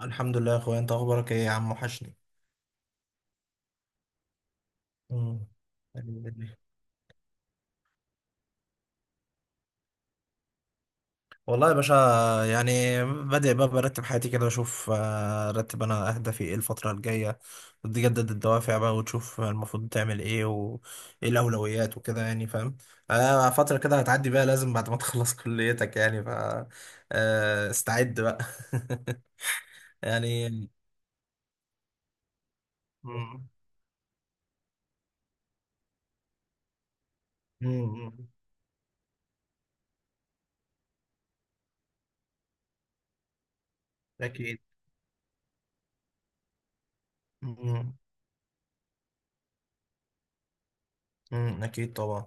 الحمد لله يا اخويا، انت اخبارك ايه يا عم؟ وحشني. مم. الحمد لله. والله يا باشا، يعني بادئ بقى برتب حياتي كده، اشوف آه، ارتب انا اهدافي ايه الفترة الجاية، وتجدد الدوافع بقى، وتشوف المفروض تعمل ايه، وايه الاولويات وكده، يعني فاهم. فترة كده هتعدي بقى، لازم بعد ما تخلص كليتك يعني ف آه، استعد بقى. يعني. مم. مم. اكيد. مم. مم. اكيد طبعا.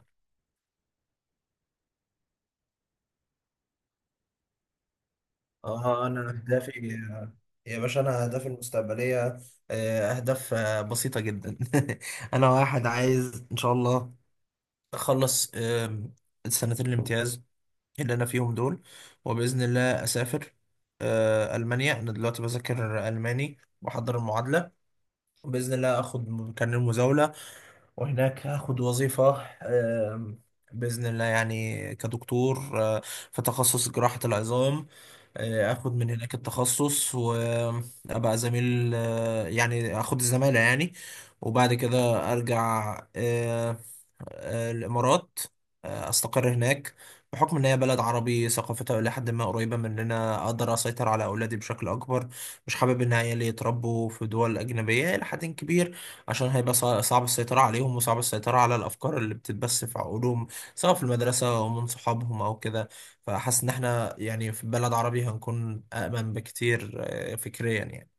اه انا اهدافي يا باشا، انا اهدافي المستقبليه، اهداف بسيطه جدا. انا واحد عايز ان شاء الله اخلص السنتين الامتياز اللي انا فيهم دول، وباذن الله اسافر المانيا. انا دلوقتي بذاكر الماني واحضر المعادله، باذن الله اخد كارنيه المزاوله، وهناك هاخد وظيفة بإذن الله يعني كدكتور، في تخصص جراحة العظام. اخد من هناك التخصص وابقى زميل، يعني اخد الزمالة يعني. وبعد كده ارجع الامارات، استقر هناك. بحكم ان هي بلد عربي ثقافتها الى حد ما قريبه مننا، اقدر اسيطر على اولادي بشكل اكبر. مش حابب ان عيالي يتربوا في دول اجنبيه الى حد كبير، عشان هيبقى صعب السيطرة عليهم، وصعب السيطرة على الأفكار اللي بتتبث في عقولهم، سواء في المدرسة أو من صحابهم أو كده. فحاسس إن إحنا يعني في بلد عربي هنكون أأمن بكتير، فكريا يعني.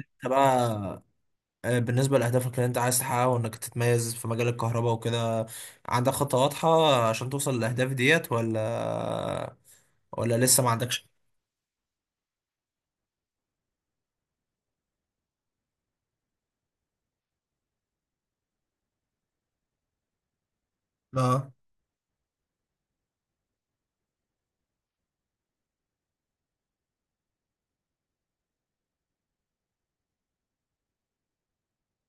أنت بقى، بالنسبة لأهدافك اللي أنت عايز تحققها وإنك تتميز في مجال الكهرباء وكده، عندك خطة واضحة عشان توصل للأهداف ديت، ولا لسه ما عندكش؟ اه،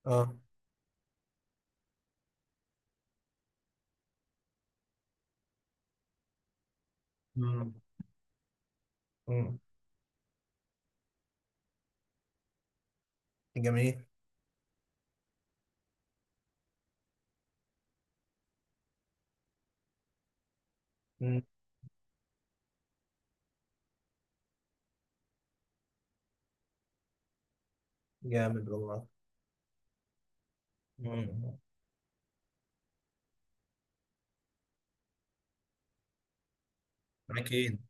اه، مم. مم. جميل. مم. جامد والله. مم. أكيد.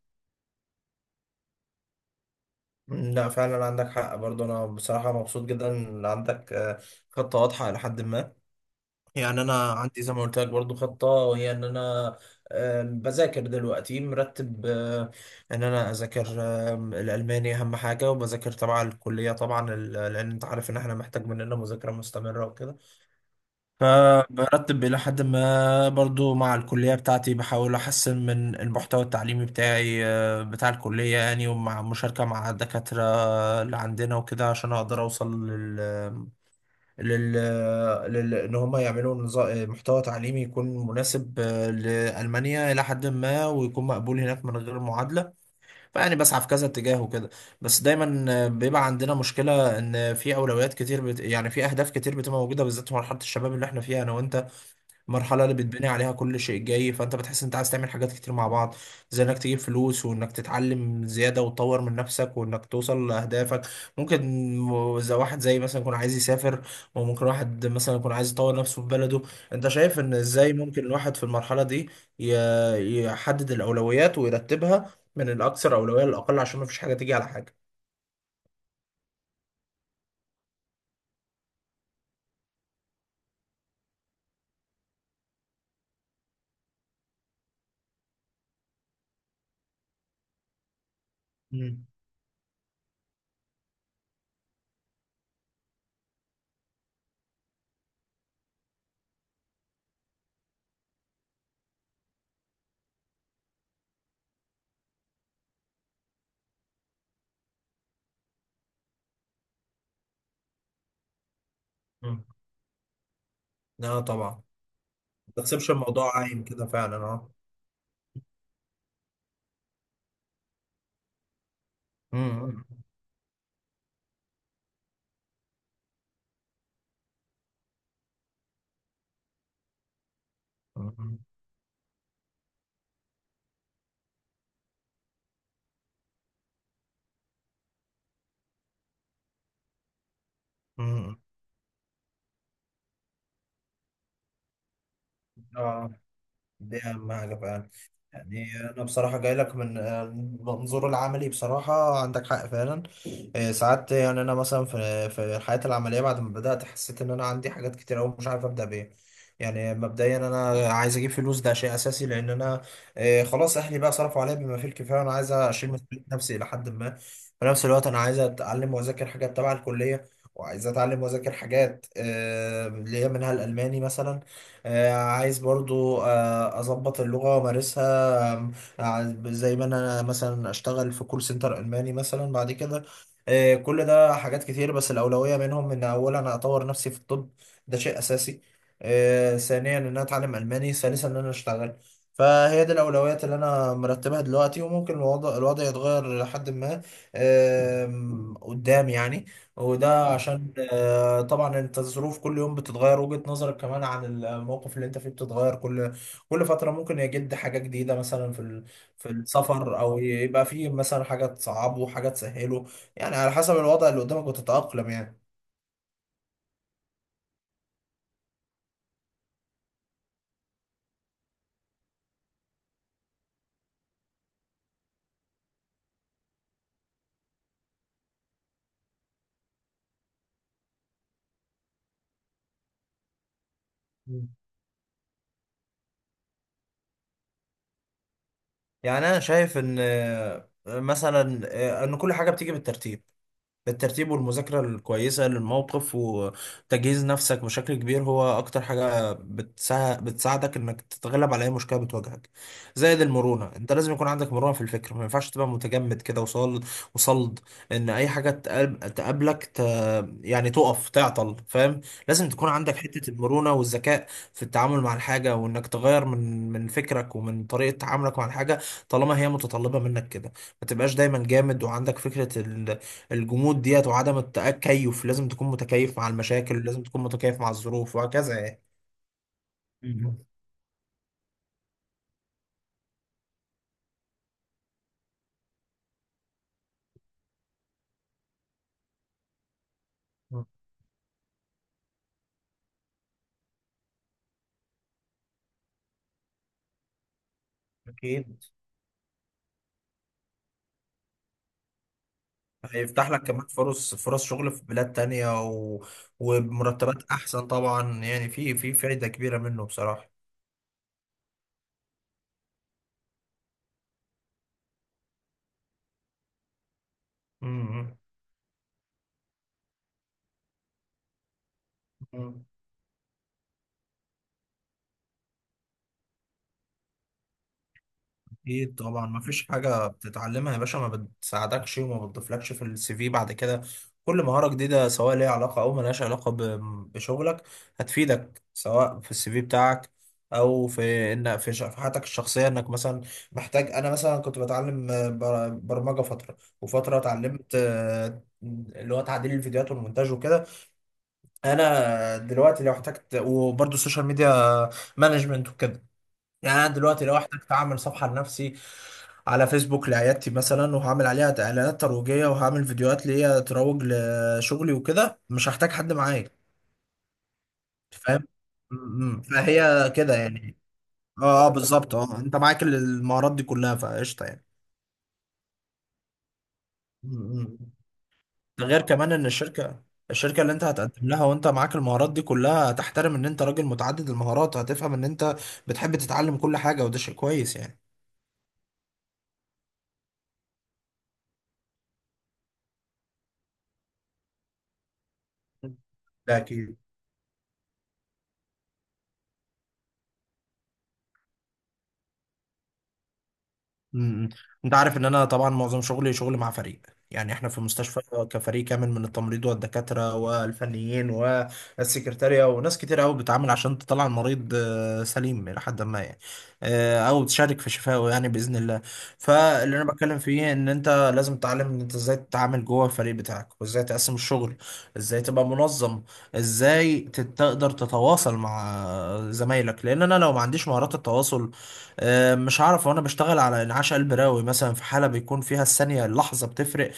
لا، فعلا عندك حق برضه، انا بصراحه مبسوط جدا ان عندك خطه واضحه الى حد ما. يعني انا عندي زي ما قلت لك برضه خطه، وهي ان انا بذاكر دلوقتي مرتب، ان انا اذاكر الالماني اهم حاجه، وبذاكر تبع الكليه طبعا، لان انت عارف ان احنا محتاج مننا مذاكره مستمره وكده. فبرتب الى حد ما برضه مع الكليه بتاعتي، بحاول احسن من المحتوى التعليمي بتاعي، بتاع الكليه يعني، ومع مشاركه مع دكاتره اللي عندنا وكده، عشان اقدر اوصل لل, ان هم يعملوا نظام محتوى تعليمي يكون مناسب لألمانيا الى حد ما، ويكون مقبول هناك من غير معادلة. فيعني بسعى في كذا اتجاه وكده. بس دايما بيبقى عندنا مشكلة ان في اولويات كتير يعني في اهداف كتير بتبقى موجودة، بالذات في مرحلة الشباب اللي احنا فيها انا وانت، المرحلة اللي بتبني عليها كل شيء جاي. فانت بتحس انت عايز تعمل حاجات كتير مع بعض، زي انك تجيب فلوس، وانك تتعلم زيادة وتطور من نفسك، وانك توصل لأهدافك. ممكن زي واحد، زي مثلا يكون عايز يسافر، وممكن واحد مثلا يكون عايز يطور نفسه في بلده. انت شايف ان ازاي ممكن الواحد في المرحلة دي يحدد الأولويات ويرتبها من الأكثر أولوية للأقل، عشان ما فيش حاجة تيجي على حاجة؟ مم. مم. اه طبعا. ما تسيبش الموضوع عايم كده، فعلا اه. مم. مم. مم. اه، دي أهم حاجة فعلا. يعني أنا بصراحة جاي لك من المنظور العملي، بصراحة عندك حق فعلا. ساعات يعني أنا مثلا في الحياة العملية بعد ما بدأت، حسيت إن أنا عندي حاجات كتير أوي، مش عارف أبدأ بإيه. يعني مبدئيا أنا عايز أجيب فلوس، ده شيء أساسي، لأن أنا خلاص أهلي بقى صرفوا عليا بما فيه الكفاية، وأنا عايز أشيل مسؤولية نفسي إلى حد ما. في نفس الوقت أنا عايز أتعلم وأذاكر حاجات تبع الكلية، وعايز أتعلم وأذاكر حاجات، اللي هي منها الألماني مثلا. عايز برضو اظبط اللغة وامارسها، زي ما انا مثلا اشتغل في كول سنتر الماني مثلا بعد كده. كل ده حاجات كتير، بس الاولوية منهم ان اولا انا اطور نفسي في الطب، ده شيء اساسي. ثانيا ان انا اتعلم الماني، ثالثا ان انا اشتغل. فهي دي الأولويات اللي أنا مرتبها دلوقتي، وممكن الوضع يتغير لحد ما، قدام يعني. وده عشان، طبعا انت الظروف كل يوم بتتغير، وجهة نظرك كمان عن الموقف اللي انت فيه بتتغير كل فترة. ممكن يجد حاجة جديدة مثلا في السفر، او يبقى فيه مثلا حاجة تصعبه، حاجة تسهله. يعني على حسب الوضع اللي قدامك وتتأقلم يعني. مم. يعني انا شايف ان مثلا ان كل حاجة بتيجي بالترتيب. الترتيب والمذاكرة الكويسة للموقف وتجهيز نفسك بشكل كبير، هو أكتر حاجة بتساعدك إنك تتغلب على أي مشكلة بتواجهك. زائد المرونة، أنت لازم يكون عندك مرونة في الفكر، ما ينفعش تبقى متجمد كده، وصلد، إن أي حاجة تقابلك يعني تقف تعطل، فاهم. لازم تكون عندك حتة المرونة والذكاء في التعامل مع الحاجة، وإنك تغير من فكرك ومن طريقة تعاملك مع الحاجة، طالما هي متطلبة منك كده. ما تبقاش دايما جامد وعندك فكرة الجمود ديت وعدم التكيف. لازم تكون متكيف مع المشاكل، ولازم تكون متكيف مع الظروف وهكذا يعني. مم. أكيد. هيفتح لك كمان فرص شغل في بلاد تانية وبمرتبات أحسن طبعا. يعني في فايدة كبيرة منه بصراحة. امم. اكيد طبعا، ما فيش حاجه بتتعلمها يا باشا ما بتساعدكش وما بتضيفلكش في السي في بعد كده. كل مهاره جديده سواء ليها علاقه او ملهاش علاقه بشغلك، هتفيدك سواء في السي في بتاعك، او في ان في حياتك الشخصيه انك مثلا محتاج. انا مثلا كنت بتعلم برمجه فتره، وفتره اتعلمت اللي هو تعديل الفيديوهات والمونتاج وكده. انا دلوقتي لو احتجت، وبرضه السوشيال ميديا مانجمنت وكده، يعني انا دلوقتي لو احتجت اعمل صفحه لنفسي على فيسبوك لعيادتي مثلا، وهعمل عليها اعلانات ترويجيه، وهعمل فيديوهات ليا تروج لشغلي وكده، مش هحتاج حد معايا، فاهم. م- م. فهي كده يعني. اه، اه، بالظبط، اه، انت معاك المهارات دي كلها فقشطه يعني. م- م. ده غير كمان ان الشركه اللي انت هتقدم لها وانت معاك المهارات دي كلها، هتحترم ان انت راجل متعدد المهارات، وهتفهم ان انت بتحب تتعلم كل حاجه، وده شيء كويس يعني. ده أكيد. امم. انت عارف ان انا طبعا معظم شغلي شغل مع فريق، يعني احنا في مستشفى، كفريق كامل من التمريض والدكاترة والفنيين والسكرتارية وناس كتير قوي بتعامل عشان تطلع المريض سليم الى حد ما يعني، او تشارك في شفائه يعني باذن الله. فاللي انا بتكلم فيه ان انت لازم تتعلم ان انت ازاي تتعامل جوه الفريق بتاعك، وازاي تقسم الشغل، ازاي تبقى منظم، ازاي تقدر تتواصل مع زمايلك. لان انا لو ما عنديش مهارات التواصل، مش عارف وانا بشتغل على انعاش قلب رئوي مثلا في حاله بيكون فيها الثانيه اللحظه بتفرق،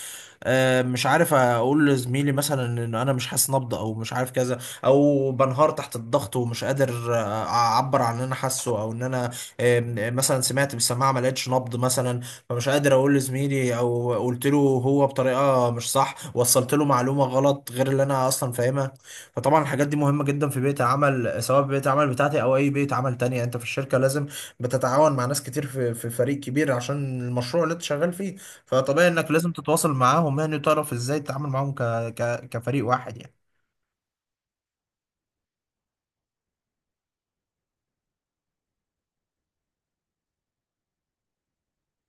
مش عارف اقول لزميلي مثلا ان انا مش حاسس نبض، او مش عارف كذا، او بنهار تحت الضغط ومش قادر اعبر عن اللي انا حاسه، او ان انا مثلا سمعت بالسماعه ما لقيتش نبض مثلا، فمش قادر اقول لزميلي، او قلت له هو بطريقه مش صح، وصلت له معلومه غلط غير اللي انا اصلا فاهمها. فطبعا الحاجات دي مهمه جدا في بيئه العمل، سواء في بيئه العمل بتاعتي او اي بيئه عمل تانية. انت في الشركه لازم بتتعاون مع ناس كتير في فريق كبير عشان المشروع اللي انت شغال فيه. فطبيعي انك لازم تتواصل معاهم يعني، وتعرف ازاي تتعامل معاهم، كفريق واحد يعني.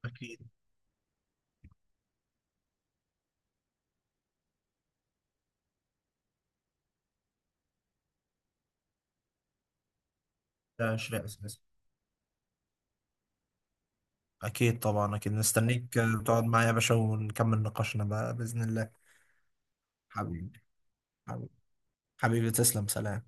اكيد. ده شيء اساسي. اكيد طبعا، اكيد مستنيك تقعد معايا يا باشا ونكمل نقاشنا بقى باذن الله. حبيبي. حبيبي. حبيبي، تسلم، سلام.